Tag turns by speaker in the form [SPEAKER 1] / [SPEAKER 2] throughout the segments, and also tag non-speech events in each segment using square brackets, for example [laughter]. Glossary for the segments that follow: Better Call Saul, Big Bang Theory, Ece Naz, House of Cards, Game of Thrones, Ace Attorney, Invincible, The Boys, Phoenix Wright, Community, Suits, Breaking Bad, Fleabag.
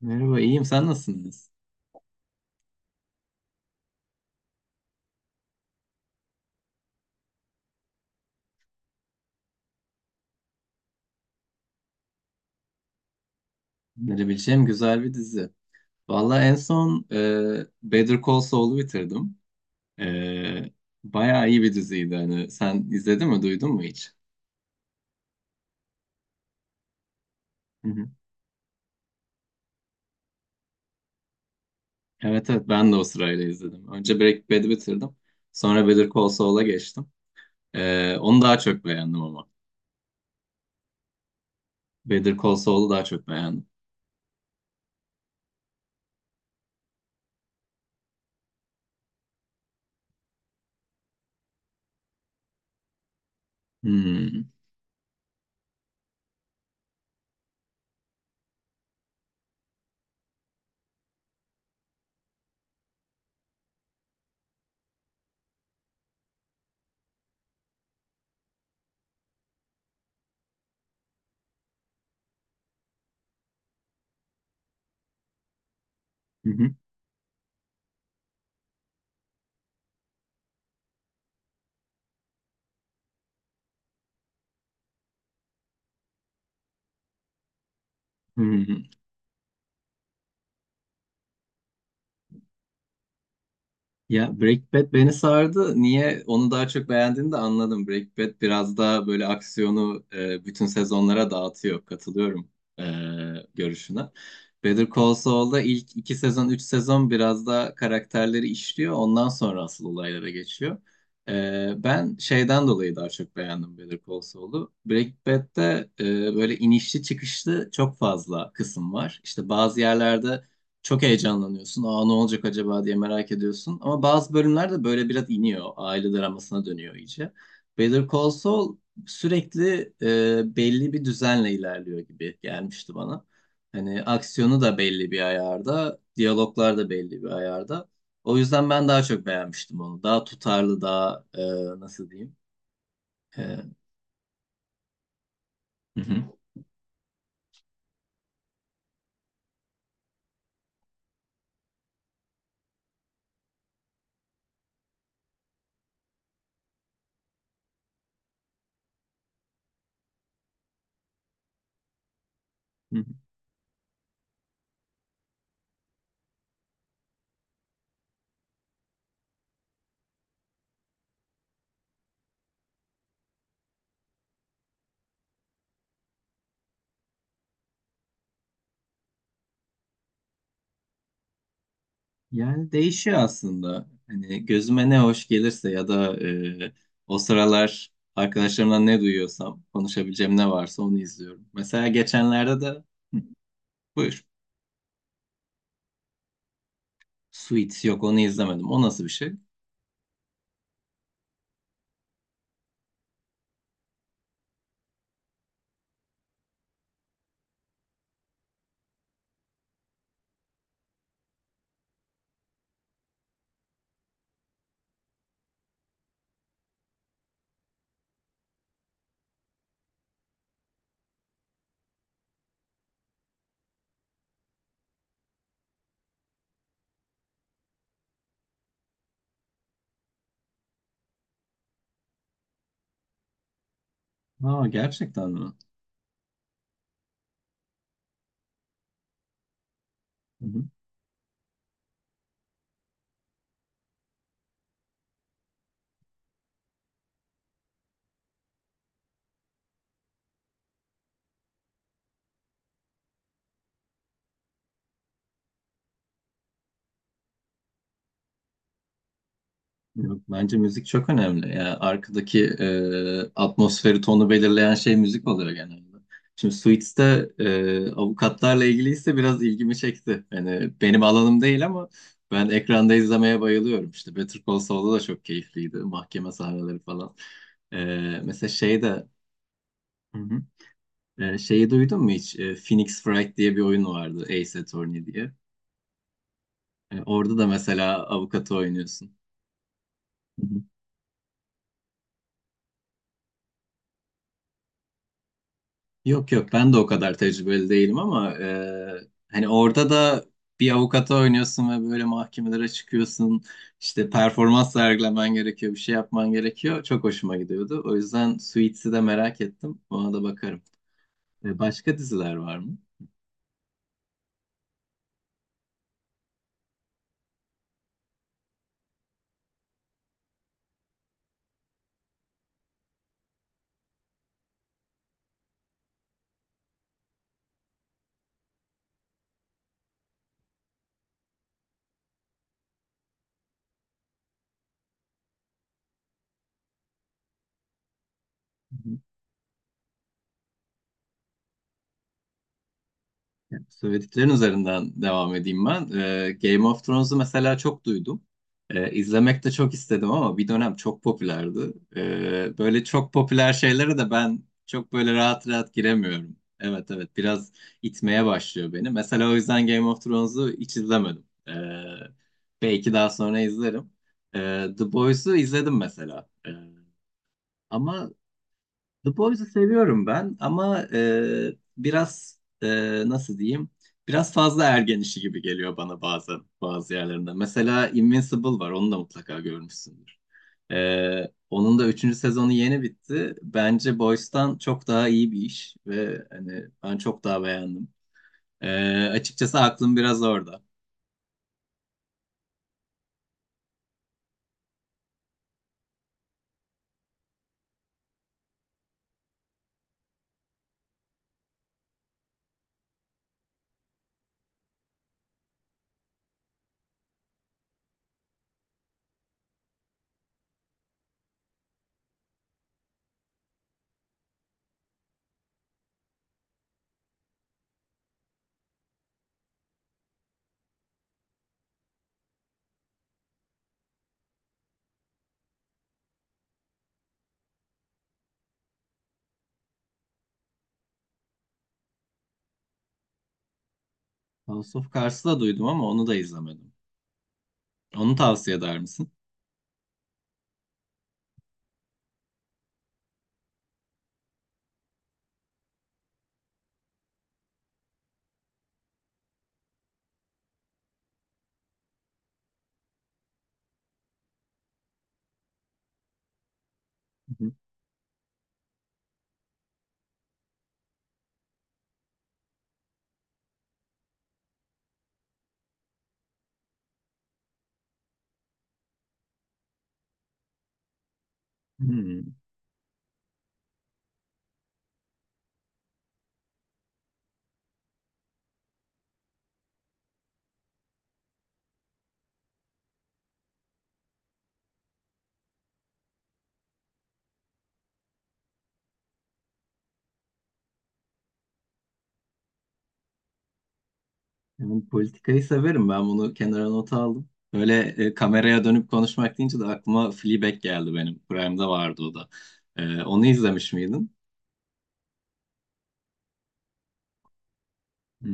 [SPEAKER 1] Merhaba, iyiyim. Sen nasılsınız? Önerebileceğim güzel bir dizi. Vallahi en son Better Call Saul'u bitirdim. E, Bayağı iyi bir diziydi. Hani sen izledin mi, duydun mu hiç? Hı hı. Evet evet ben de o sırayla izledim. Önce Breaking Bad'i bitirdim. Sonra Better Call Saul'a geçtim. Onu daha çok beğendim ama. Better Call Saul'u daha çok beğendim. Hmm. Hı hı. Hı hı. Ya Breaking Bad beni sardı. Niye onu daha çok beğendiğini de anladım. Breaking Bad biraz daha böyle aksiyonu bütün sezonlara dağıtıyor. Katılıyorum e, görüşüne. Better Call Saul'da ilk iki sezon, üç sezon biraz daha karakterleri işliyor. Ondan sonra asıl olaylara geçiyor. Ben şeyden dolayı daha çok beğendim Better Call Saul'u. Breaking Bad'de böyle inişli çıkışlı çok fazla kısım var. İşte bazı yerlerde çok heyecanlanıyorsun. Aa ne olacak acaba diye merak ediyorsun. Ama bazı bölümler de böyle biraz iniyor. Aile dramasına dönüyor iyice. Better Call Saul sürekli belli bir düzenle ilerliyor gibi gelmişti bana. Hani aksiyonu da belli bir ayarda, diyaloglar da belli bir ayarda. O yüzden ben daha çok beğenmiştim onu. Daha tutarlı, daha nasıl diyeyim? E, Hı hı. Yani değişiyor aslında. Hani gözüme ne hoş gelirse ya da e, o sıralar arkadaşlarımdan ne duyuyorsam, konuşabileceğim ne varsa onu izliyorum. Mesela geçenlerde de Hı, buyur. Suits yok onu izlemedim. O nasıl bir şey? Aa gerçekten mi? Hı. Yok, bence müzik çok önemli. Yani arkadaki atmosferi, tonu belirleyen şey müzik oluyor genelde. Şimdi Suits'te avukatlarla ilgiliyse biraz ilgimi çekti. Yani benim alanım değil ama ben ekranda izlemeye bayılıyorum. İşte Better Call Saul'da da çok keyifliydi. Mahkeme sahneleri falan. E, Mesela şey de Hı hı. Şeyi duydun mu hiç? Phoenix Wright diye bir oyun vardı. Ace Attorney diye. Orada da mesela avukatı oynuyorsun. Yok yok ben de o kadar tecrübeli değilim ama hani orada da bir avukata oynuyorsun ve böyle mahkemelere çıkıyorsun. İşte performans sergilemen gerekiyor, bir şey yapman gerekiyor. Çok hoşuma gidiyordu. O yüzden Suits'i de merak ettim. Ona da bakarım. Başka diziler var mı? Söylediklerin üzerinden devam edeyim ben. Game of Thrones'u mesela çok duydum. İzlemek de çok istedim ama bir dönem çok popülerdi. Böyle çok popüler şeylere de ben çok böyle rahat rahat giremiyorum. Evet evet biraz itmeye başlıyor beni. Mesela o yüzden Game of Thrones'u hiç izlemedim. Belki daha sonra izlerim. The Boys'u izledim mesela. Ama The Boys'u seviyorum ben ama biraz nasıl diyeyim? Biraz fazla ergen işi gibi geliyor bana bazen bazı yerlerinde. Mesela Invincible var, onu da mutlaka görmüşsündür. Onun da üçüncü sezonu yeni bitti. Bence Boys'tan çok daha iyi bir iş ve hani ben çok daha beğendim. E, Açıkçası aklım biraz orada. House of Cards'ı da duydum ama onu da izlemedim. Onu tavsiye eder misin? Hı hı. Hmm. Yani politikayı severim ben bunu kenara nota aldım. Öyle kameraya dönüp konuşmak deyince de aklıma Fleabag geldi benim. Prime'da vardı o da. Onu izlemiş miydin? Hı.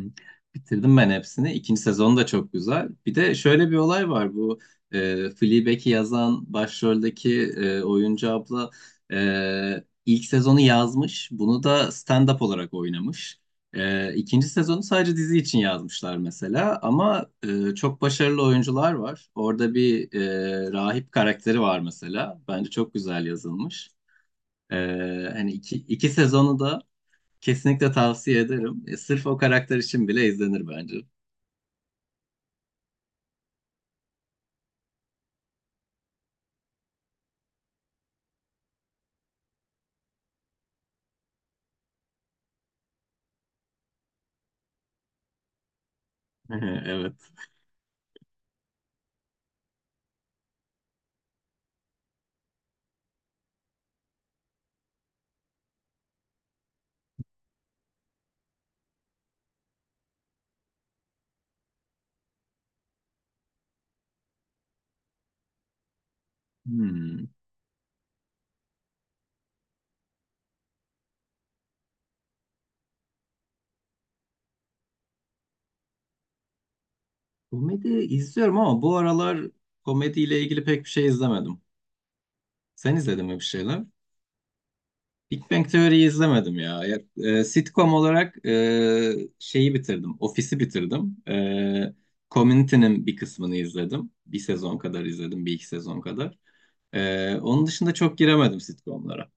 [SPEAKER 1] Bitirdim ben hepsini. İkinci sezonu da çok güzel. Bir de şöyle bir olay var. Bu Fleabag'i yazan başroldeki oyuncu abla ilk sezonu yazmış. Bunu da stand-up olarak oynamış. İkinci sezonu sadece dizi için yazmışlar mesela. Ama çok başarılı oyuncular var. Orada bir rahip karakteri var mesela. Bence çok güzel yazılmış. E, Hani iki sezonu da Kesinlikle tavsiye ederim. Sırf o karakter için bile izlenir bence. [laughs] Evet. Hmm. Komedi izliyorum ama bu aralar komediyle ilgili pek bir şey izlemedim. Sen izledin mi bir şeyler? Big Bang Theory'yi izlemedim ya. Ya, sitcom olarak şeyi bitirdim. Ofisi bitirdim. Community'nin bir kısmını izledim. Bir sezon kadar izledim. Bir iki sezon kadar. Onun dışında çok giremedim sitcomlara.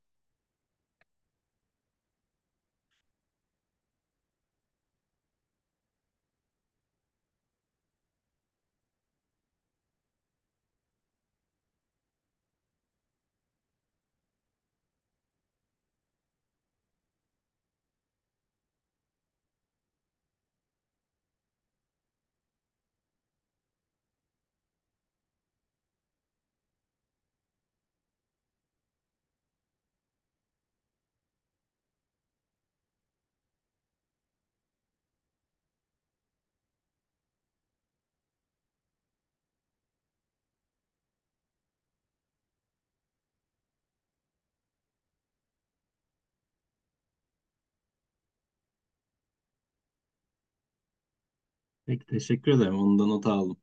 [SPEAKER 1] Peki teşekkür ederim. Ondan not aldım.